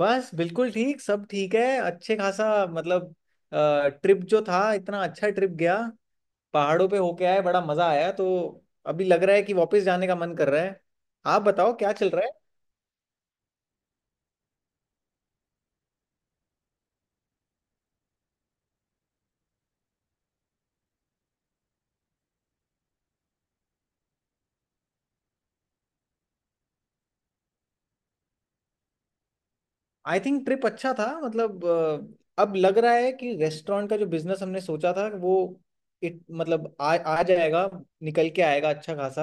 बस बिल्कुल ठीक। सब ठीक है। अच्छे खासा। मतलब, ट्रिप जो था, इतना अच्छा ट्रिप गया। पहाड़ों पे होके आए, बड़ा मजा आया। तो अभी लग रहा है कि वापस जाने का मन कर रहा है। आप बताओ क्या चल रहा है? आई थिंक ट्रिप अच्छा था। मतलब अब लग रहा है कि रेस्टोरेंट का जो बिजनेस हमने सोचा था वो मतलब आ जाएगा, निकल के आएगा अच्छा खासा।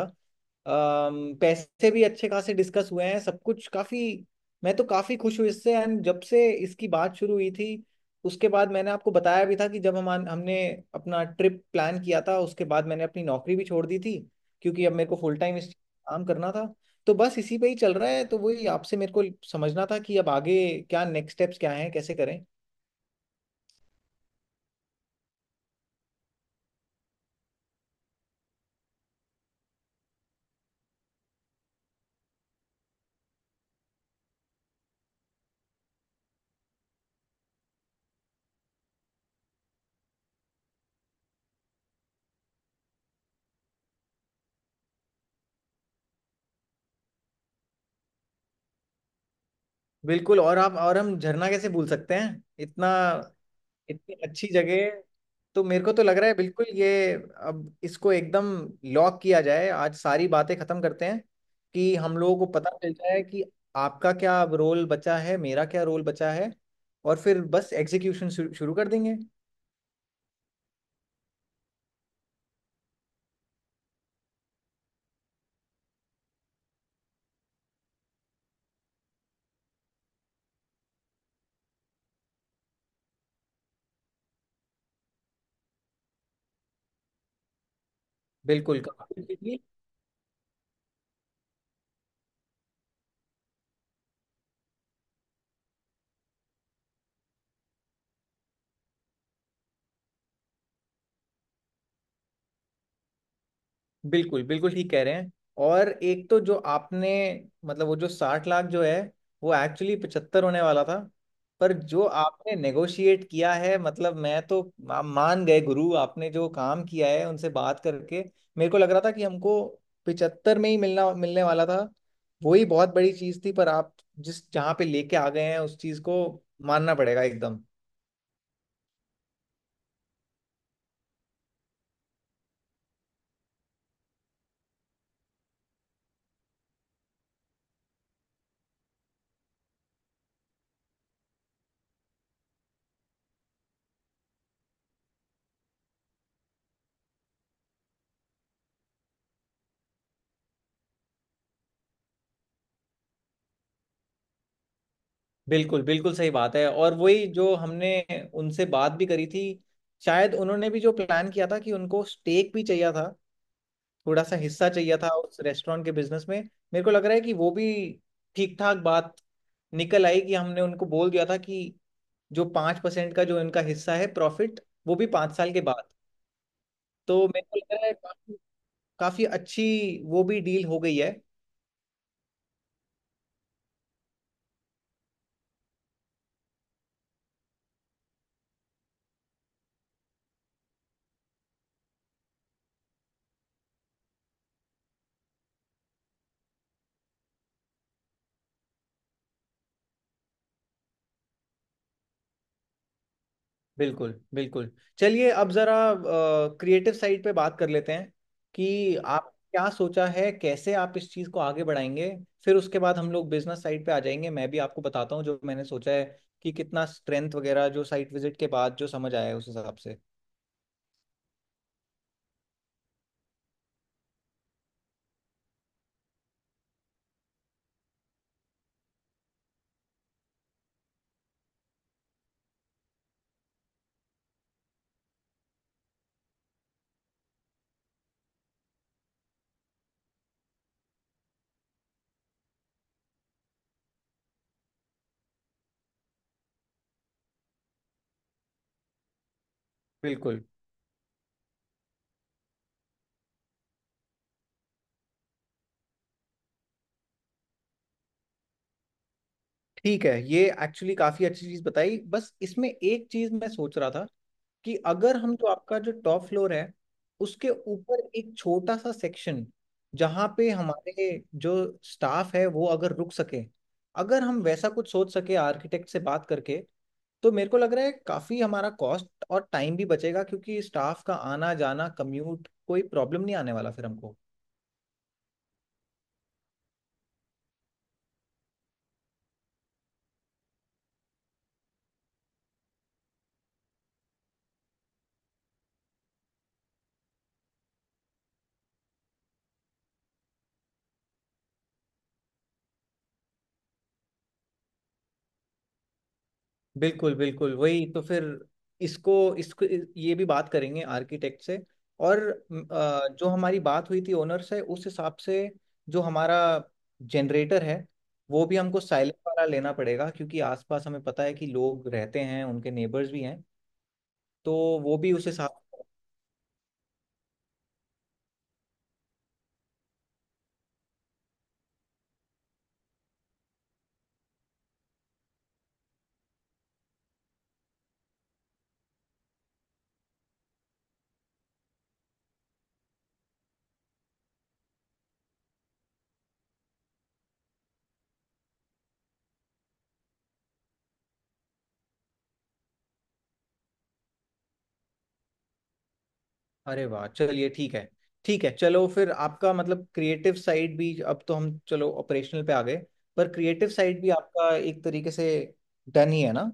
पैसे भी अच्छे खासे डिस्कस हुए हैं, सब कुछ काफी। मैं तो काफी खुश हूँ इससे। एंड जब से इसकी बात शुरू हुई थी, उसके बाद मैंने आपको बताया भी था कि जब हम हमने अपना ट्रिप प्लान किया था, उसके बाद मैंने अपनी नौकरी भी छोड़ दी थी, क्योंकि अब मेरे को फुल टाइम इस काम करना था। तो बस इसी पे ही चल रहा है। तो वही आपसे मेरे को समझना था कि अब आगे क्या नेक्स्ट स्टेप्स क्या हैं, कैसे करें। बिल्कुल। और आप और हम झरना कैसे भूल सकते हैं, इतना, इतनी अच्छी जगह। तो मेरे को तो लग रहा है, बिल्कुल ये, अब इसको एकदम लॉक किया जाए। आज सारी बातें खत्म करते हैं कि हम लोगों को पता चल जाए कि आपका क्या रोल बचा है, मेरा क्या रोल बचा है, और फिर बस एग्जीक्यूशन शुरू शुरू कर देंगे। बिल्कुल, बिल्कुल, बिल्कुल ठीक कह रहे हैं। और एक तो जो आपने, मतलब वो जो 60 लाख जो है, वो एक्चुअली 75 होने वाला था। पर जो आपने नेगोशिएट किया है, मतलब मैं तो मान गए गुरु, आपने जो काम किया है उनसे बात करके। मेरे को लग रहा था कि हमको 75 में ही मिलना मिलने वाला था। वही बहुत बड़ी चीज थी, पर आप जिस जहाँ पे लेके आ गए हैं उस चीज को मानना पड़ेगा एकदम। बिल्कुल, बिल्कुल सही बात है। और वही जो हमने उनसे बात भी करी थी, शायद उन्होंने भी जो प्लान किया था कि उनको स्टेक भी चाहिए था, थोड़ा सा हिस्सा चाहिए था उस रेस्टोरेंट के बिजनेस में। मेरे को लग रहा है कि वो भी ठीक ठाक बात निकल आई, कि हमने उनको बोल दिया था कि जो 5% का जो इनका हिस्सा है, प्रॉफिट, वो भी 5 साल के बाद। तो मेरे को लग रहा है काफी काफी अच्छी वो भी डील हो गई है। बिल्कुल, बिल्कुल। चलिए, अब जरा क्रिएटिव साइड पे बात कर लेते हैं कि आप क्या सोचा है, कैसे आप इस चीज़ को आगे बढ़ाएंगे। फिर उसके बाद हम लोग बिजनेस साइड पे आ जाएंगे। मैं भी आपको बताता हूँ जो मैंने सोचा है, कि कितना स्ट्रेंथ वगैरह जो साइट विजिट के बाद जो समझ आया है उस हिसाब से। बिल्कुल। ठीक है, ये एक्चुअली काफ़ी अच्छी चीज़ बताई। बस इसमें एक चीज़ मैं सोच रहा था कि अगर हम, जो आपका जो टॉप फ्लोर है, उसके ऊपर एक छोटा सा सेक्शन, जहाँ पे हमारे जो स्टाफ है वो अगर रुक सके, अगर हम वैसा कुछ सोच सके आर्किटेक्ट से बात करके, तो मेरे को लग रहा है काफ़ी हमारा कॉस्ट और टाइम भी बचेगा, क्योंकि स्टाफ का आना जाना कम्यूट कोई प्रॉब्लम नहीं आने वाला फिर हमको। बिल्कुल, बिल्कुल वही। तो फिर इसको इसको ये भी बात करेंगे आर्किटेक्ट से। और जो हमारी बात हुई थी ओनर से, उस हिसाब से जो हमारा जनरेटर है, वो भी हमको साइलेंट वाला लेना पड़ेगा, क्योंकि आसपास हमें पता है कि लोग रहते हैं, उनके नेबर्स भी हैं। तो वो भी उस हिसाब। अरे वाह, चलिए ठीक है। ठीक है, चलो फिर आपका मतलब क्रिएटिव साइड भी, अब तो हम चलो ऑपरेशनल पे आ गए, पर क्रिएटिव साइड भी आपका एक तरीके से डन ही है ना।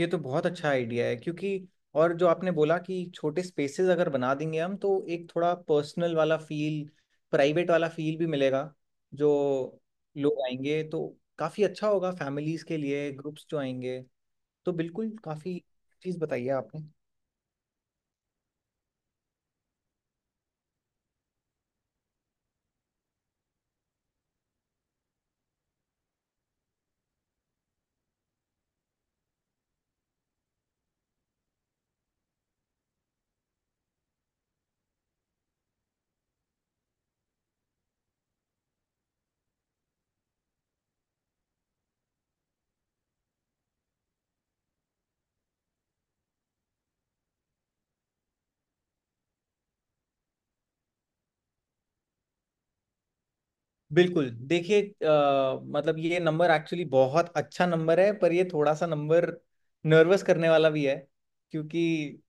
ये तो बहुत अच्छा आइडिया है, क्योंकि और जो आपने बोला कि छोटे स्पेसेस अगर बना देंगे हम, तो एक थोड़ा पर्सनल वाला फील, प्राइवेट वाला फील भी मिलेगा। जो लोग आएंगे, तो काफ़ी अच्छा होगा फैमिलीज़ के लिए, ग्रुप्स जो आएंगे। तो बिल्कुल, काफ़ी चीज़ बताइए आपने। बिल्कुल, देखिए मतलब ये नंबर एक्चुअली बहुत अच्छा नंबर है, पर ये थोड़ा सा नंबर नर्वस करने वाला भी है, क्योंकि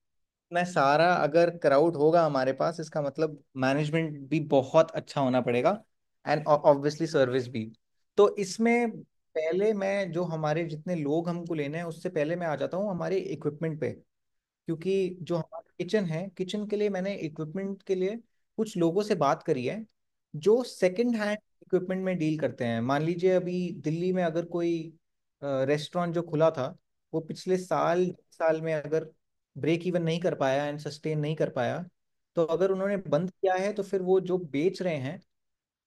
मैं सारा अगर क्राउड होगा हमारे पास, इसका मतलब मैनेजमेंट भी बहुत अच्छा होना पड़ेगा, एंड ऑब्वियसली सर्विस भी। तो इसमें, पहले मैं, जो हमारे जितने लोग हमको लेने हैं, उससे पहले मैं आ जाता हूँ हमारे इक्विपमेंट पे। क्योंकि जो हमारा किचन है, किचन के लिए मैंने इक्विपमेंट के लिए कुछ लोगों से बात करी है, जो सेकंड हैंड इक्विपमेंट में डील करते हैं। मान लीजिए, अभी दिल्ली में अगर कोई रेस्टोरेंट जो खुला था वो पिछले साल साल में अगर ब्रेक इवन नहीं कर पाया, एंड सस्टेन नहीं कर पाया, तो अगर उन्होंने बंद किया है, तो फिर वो जो बेच रहे हैं,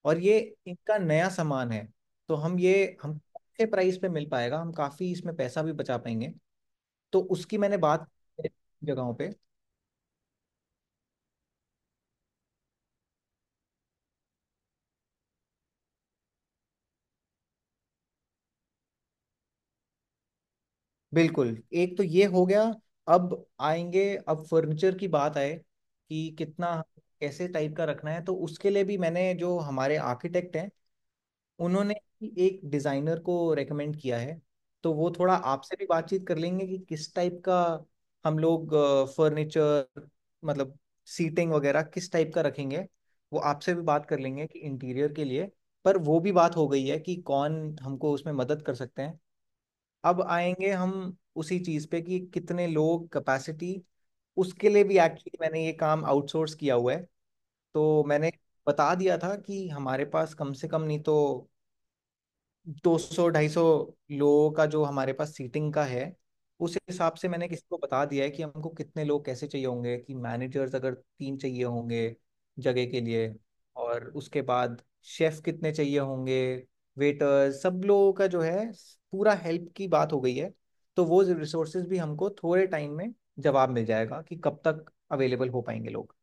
और ये इनका नया सामान है। तो हम ये हम अच्छे प्राइस पे मिल पाएगा, हम काफ़ी इसमें पैसा भी बचा पाएंगे। तो उसकी मैंने बात जगहों पे। बिल्कुल, एक तो ये हो गया। अब आएंगे, अब फर्नीचर की बात आए, कि कितना, कैसे टाइप का रखना है। तो उसके लिए भी मैंने, जो हमारे आर्किटेक्ट हैं, उन्होंने ही एक डिज़ाइनर को रेकमेंड किया है। तो वो थोड़ा आपसे भी बातचीत कर लेंगे, कि किस टाइप का हम लोग फर्नीचर, मतलब सीटिंग वगैरह, किस टाइप का रखेंगे। वो आपसे भी बात कर लेंगे कि इंटीरियर के लिए। पर वो भी बात हो गई है कि कौन हमको उसमें मदद कर सकते हैं। अब आएंगे हम उसी चीज पे, कि कितने लोग कैपेसिटी। उसके लिए भी एक्चुअली मैंने ये काम आउटसोर्स किया हुआ है। तो मैंने बता दिया था, कि हमारे पास कम से कम नहीं तो 200 250 लोगों का जो हमारे पास सीटिंग का है, उस हिसाब से मैंने किसी को बता दिया है, कि हमको कितने लोग कैसे चाहिए होंगे, कि मैनेजर्स अगर तीन चाहिए होंगे जगह के लिए। और उसके बाद शेफ कितने चाहिए होंगे, वेटर, सब लोगों का जो है, पूरा हेल्प की बात हो गई है। तो वो रिसोर्सेज भी हमको थोड़े टाइम में जवाब मिल जाएगा, कि कब तक अवेलेबल हो पाएंगे लोग।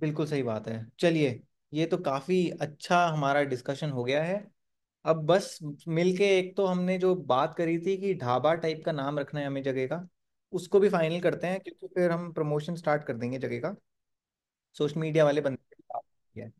बिल्कुल सही बात है, चलिए। ये तो काफ़ी अच्छा हमारा डिस्कशन हो गया है। अब बस मिलके, एक तो हमने जो बात करी थी कि ढाबा टाइप का नाम रखना है हमें जगह का, उसको भी फाइनल करते हैं, क्योंकि फिर हम प्रमोशन स्टार्ट कर देंगे जगह का, सोशल मीडिया वाले बंदे के साथ है।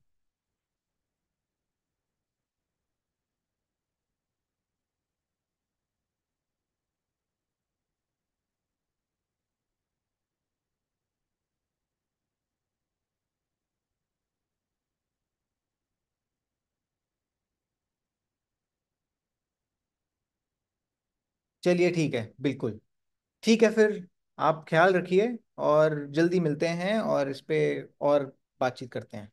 चलिए ठीक है, बिल्कुल ठीक है फिर। आप ख्याल रखिए, और जल्दी मिलते हैं और इस पे और बातचीत करते हैं।